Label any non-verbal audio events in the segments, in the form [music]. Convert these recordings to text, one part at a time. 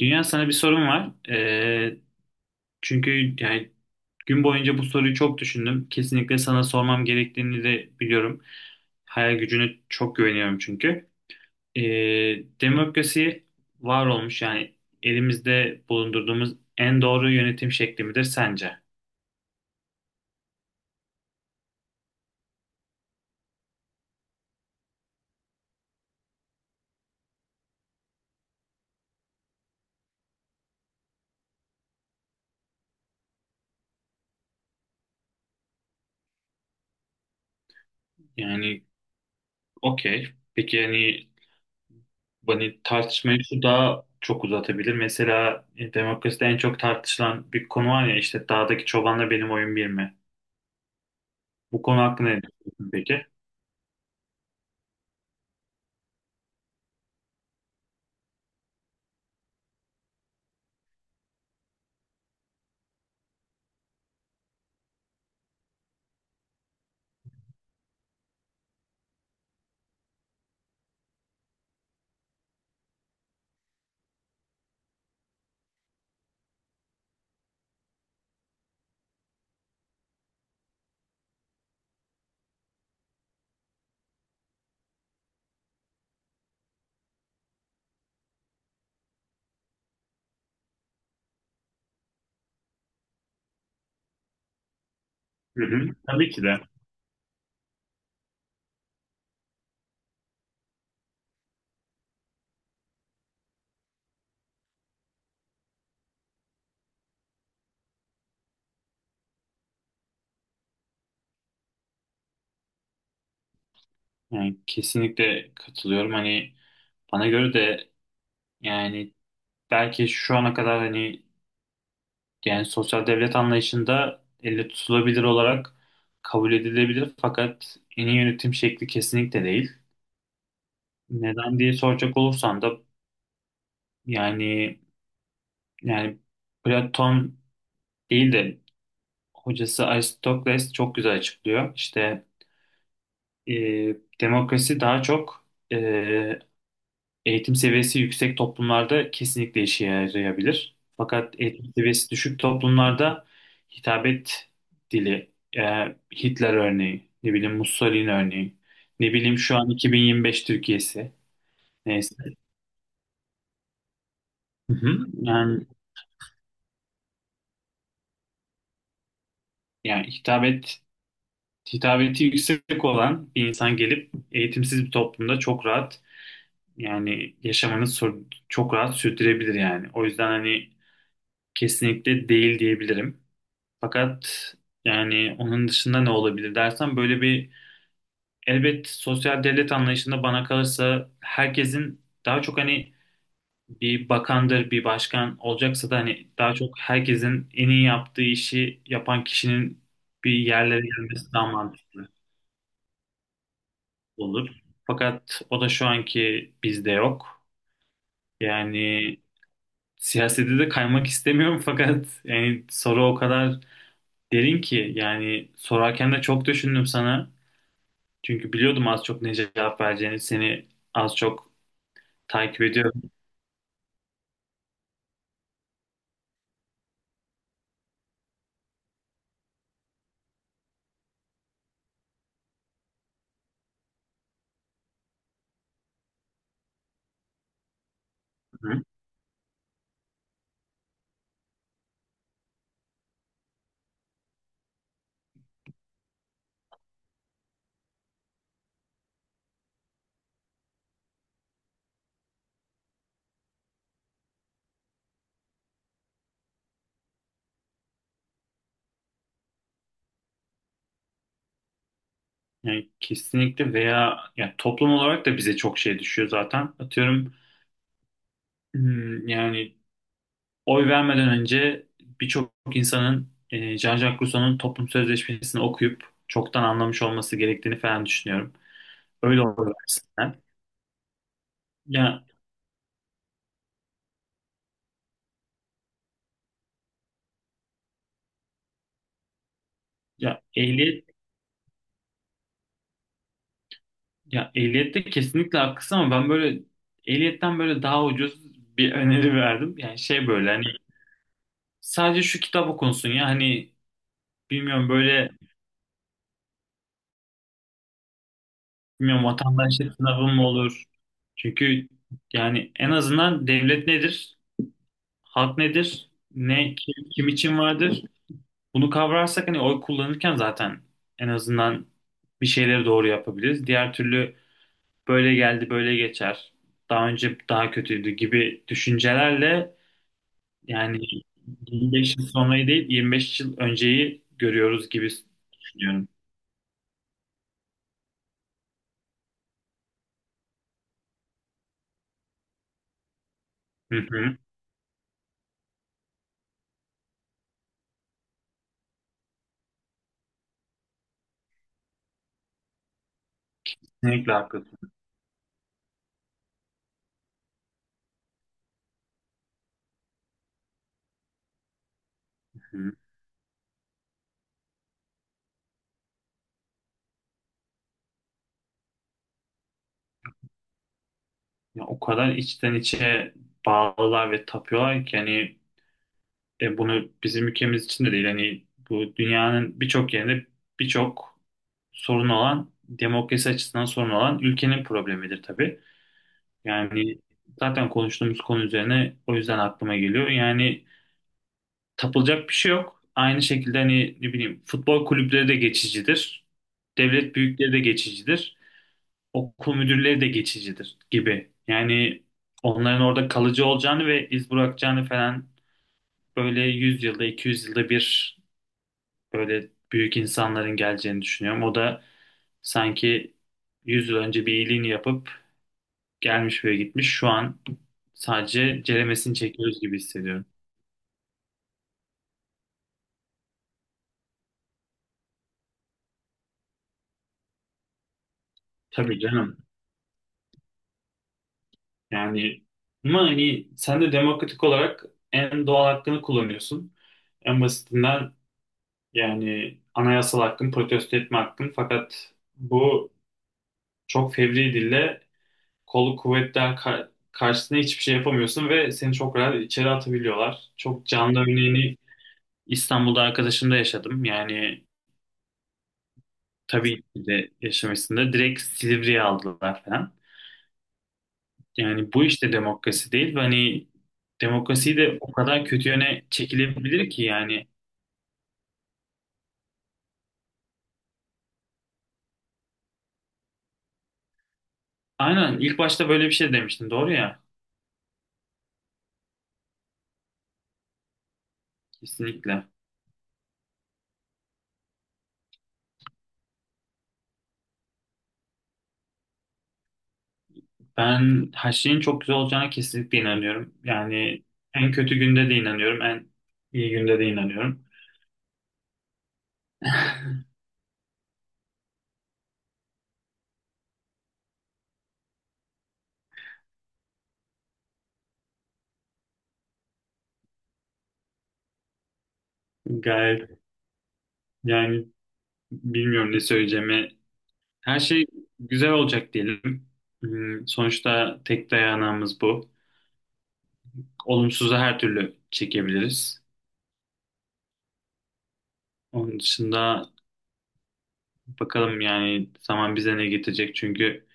Dünya, sana bir sorum var. Çünkü yani gün boyunca bu soruyu çok düşündüm. Kesinlikle sana sormam gerektiğini de biliyorum. Hayal gücüne çok güveniyorum çünkü. Ee, Demokrasi var olmuş, yani elimizde bulundurduğumuz en doğru yönetim şekli midir sence? Yani, okey. Peki, yani, hani tartışmayı şu daha çok uzatabilir. Mesela demokraside en çok tartışılan bir konu var ya, işte dağdaki çobanla benim oyun bir mi? Bu konu hakkında ne düşünüyorsun peki? Hı hı. Tabii ki de. Yani kesinlikle katılıyorum. Hani bana göre de, yani belki şu ana kadar, hani yani sosyal devlet anlayışında elle tutulabilir olarak kabul edilebilir, fakat en iyi yönetim şekli kesinlikle değil. Neden diye soracak olursan da, yani yani Platon değil de hocası Aristoteles çok güzel açıklıyor. İşte e, demokrasi daha çok eğitim seviyesi yüksek toplumlarda kesinlikle işe yarayabilir. Fakat eğitim seviyesi düşük toplumlarda hitabet dili, Hitler örneği, ne bileyim Mussolini örneği, ne bileyim şu an 2025 Türkiye'si. Neyse. Hı hı. Yani, hitabeti yüksek olan bir insan gelip eğitimsiz bir toplumda çok rahat, yani çok rahat sürdürebilir yani. O yüzden hani kesinlikle değil diyebilirim. Fakat yani onun dışında ne olabilir dersen, böyle bir, elbet sosyal devlet anlayışında bana kalırsa herkesin daha çok, hani bir bakandır, bir başkan olacaksa da hani daha çok herkesin en iyi yaptığı işi yapan kişinin bir yerlere gelmesi daha mantıklı olur. Fakat o da şu anki bizde yok. Yani siyasete de kaymak istemiyorum [laughs] fakat yani soru o kadar derin ki, yani sorarken de çok düşündüm sana. Çünkü biliyordum az çok ne cevap vereceğini. Seni az çok takip ediyorum. Hı. Yani kesinlikle, veya yani toplum olarak da bize çok şey düşüyor zaten. Atıyorum, yani oy vermeden önce birçok insanın Jean-Jacques Rousseau'nun Toplum Sözleşmesi'ni okuyup çoktan anlamış olması gerektiğini falan düşünüyorum. Öyle oluyor aslında. Ya, ya ehliyet ya ehliyette kesinlikle haklısın ama ben böyle ehliyetten böyle daha ucuz bir [laughs] öneri verdim. Yani şey, böyle hani sadece şu kitap okunsun ya, hani bilmiyorum, böyle bilmiyorum, vatandaşlık sınavı mı olur? Çünkü yani en azından devlet nedir? Halk nedir? Ne kim, kim için vardır? Bunu kavrarsak hani oy kullanırken zaten en azından bir şeyleri doğru yapabiliriz. Diğer türlü böyle geldi böyle geçer. Daha önce daha kötüydü gibi düşüncelerle, yani 25 yıl sonrayı değil 25 yıl önceyi görüyoruz gibi düşünüyorum. Hı hı. Kesinlikle haklısın. Hı. Ya, o kadar içten içe bağlılar ve tapıyorlar ki, hani bunu bizim ülkemiz için de değil, hani bu dünyanın birçok yerinde birçok sorun olan, demokrasi açısından sorun olan ülkenin problemidir tabii. Yani zaten konuştuğumuz konu üzerine o yüzden aklıma geliyor. Yani tapılacak bir şey yok. Aynı şekilde hani ne bileyim, futbol kulüpleri de geçicidir. Devlet büyükleri de geçicidir. Okul müdürleri de geçicidir gibi. Yani onların orada kalıcı olacağını ve iz bırakacağını falan, böyle 100 yılda 200 yılda bir böyle büyük insanların geleceğini düşünüyorum. O da sanki 100 yıl önce bir iyiliğini yapıp gelmiş ve gitmiş. Şu an sadece ceremesini çekiyoruz gibi hissediyorum. Tabii canım. Yani ama hani sen de demokratik olarak en doğal hakkını kullanıyorsun. En basitinden, yani anayasal hakkın, protesto etme hakkın. Fakat bu çok fevri dille, kolu kuvvetler karşısında hiçbir şey yapamıyorsun ve seni çok rahat içeri atabiliyorlar. Çok canlı örneğini İstanbul'da arkadaşımda yaşadım. Yani tabii ki de yaşamasında direkt Silivri'ye aldılar falan. Yani bu işte demokrasi değil. Ve hani demokrasiyi de o kadar kötü yöne çekilebilir ki yani. Aynen, ilk başta böyle bir şey demiştin. Doğru ya. Kesinlikle. Ben her şeyin çok güzel olacağına kesinlikle inanıyorum. Yani en kötü günde de inanıyorum, en iyi günde de inanıyorum. [laughs] Gayet, yani bilmiyorum ne söyleyeceğimi. Her şey güzel olacak diyelim. Sonuçta tek dayanağımız bu. Olumsuzu her türlü çekebiliriz. Onun dışında bakalım yani zaman bize ne getirecek, çünkü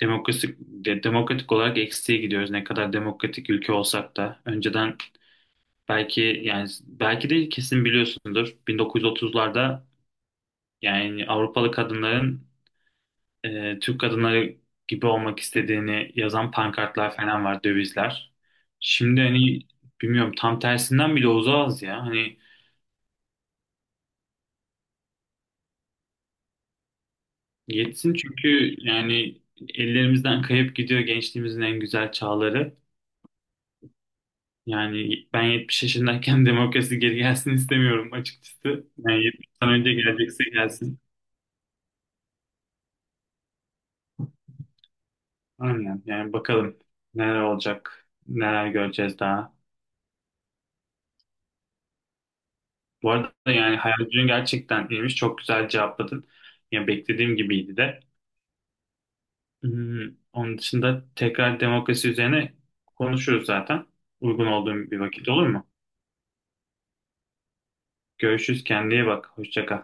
demokratik demokratik olarak eksiğe gidiyoruz. Ne kadar demokratik ülke olsak da önceden, belki, yani belki de kesin biliyorsundur. 1930'larda yani Avrupalı kadınların Türk kadınları gibi olmak istediğini yazan pankartlar falan var, dövizler. Şimdi hani bilmiyorum, tam tersinden bile uzağız ya. Hani yetsin, çünkü yani ellerimizden kayıp gidiyor gençliğimizin en güzel çağları. Yani ben 70 yaşındayken [laughs] demokrasi geri gelsin istemiyorum açıkçası. Yani 70'den önce gelecekse gelsin. Aynen. Yani bakalım neler olacak, neler göreceğiz daha. Bu arada yani hayal gücün gerçekten iyiymiş. Çok güzel cevapladın. Ya beklediğim gibiydi de. Hmm, Onun dışında tekrar demokrasi üzerine konuşuruz zaten. Uygun olduğum bir vakit olur mu? Görüşürüz. Kendine iyi bak. Hoşça kal.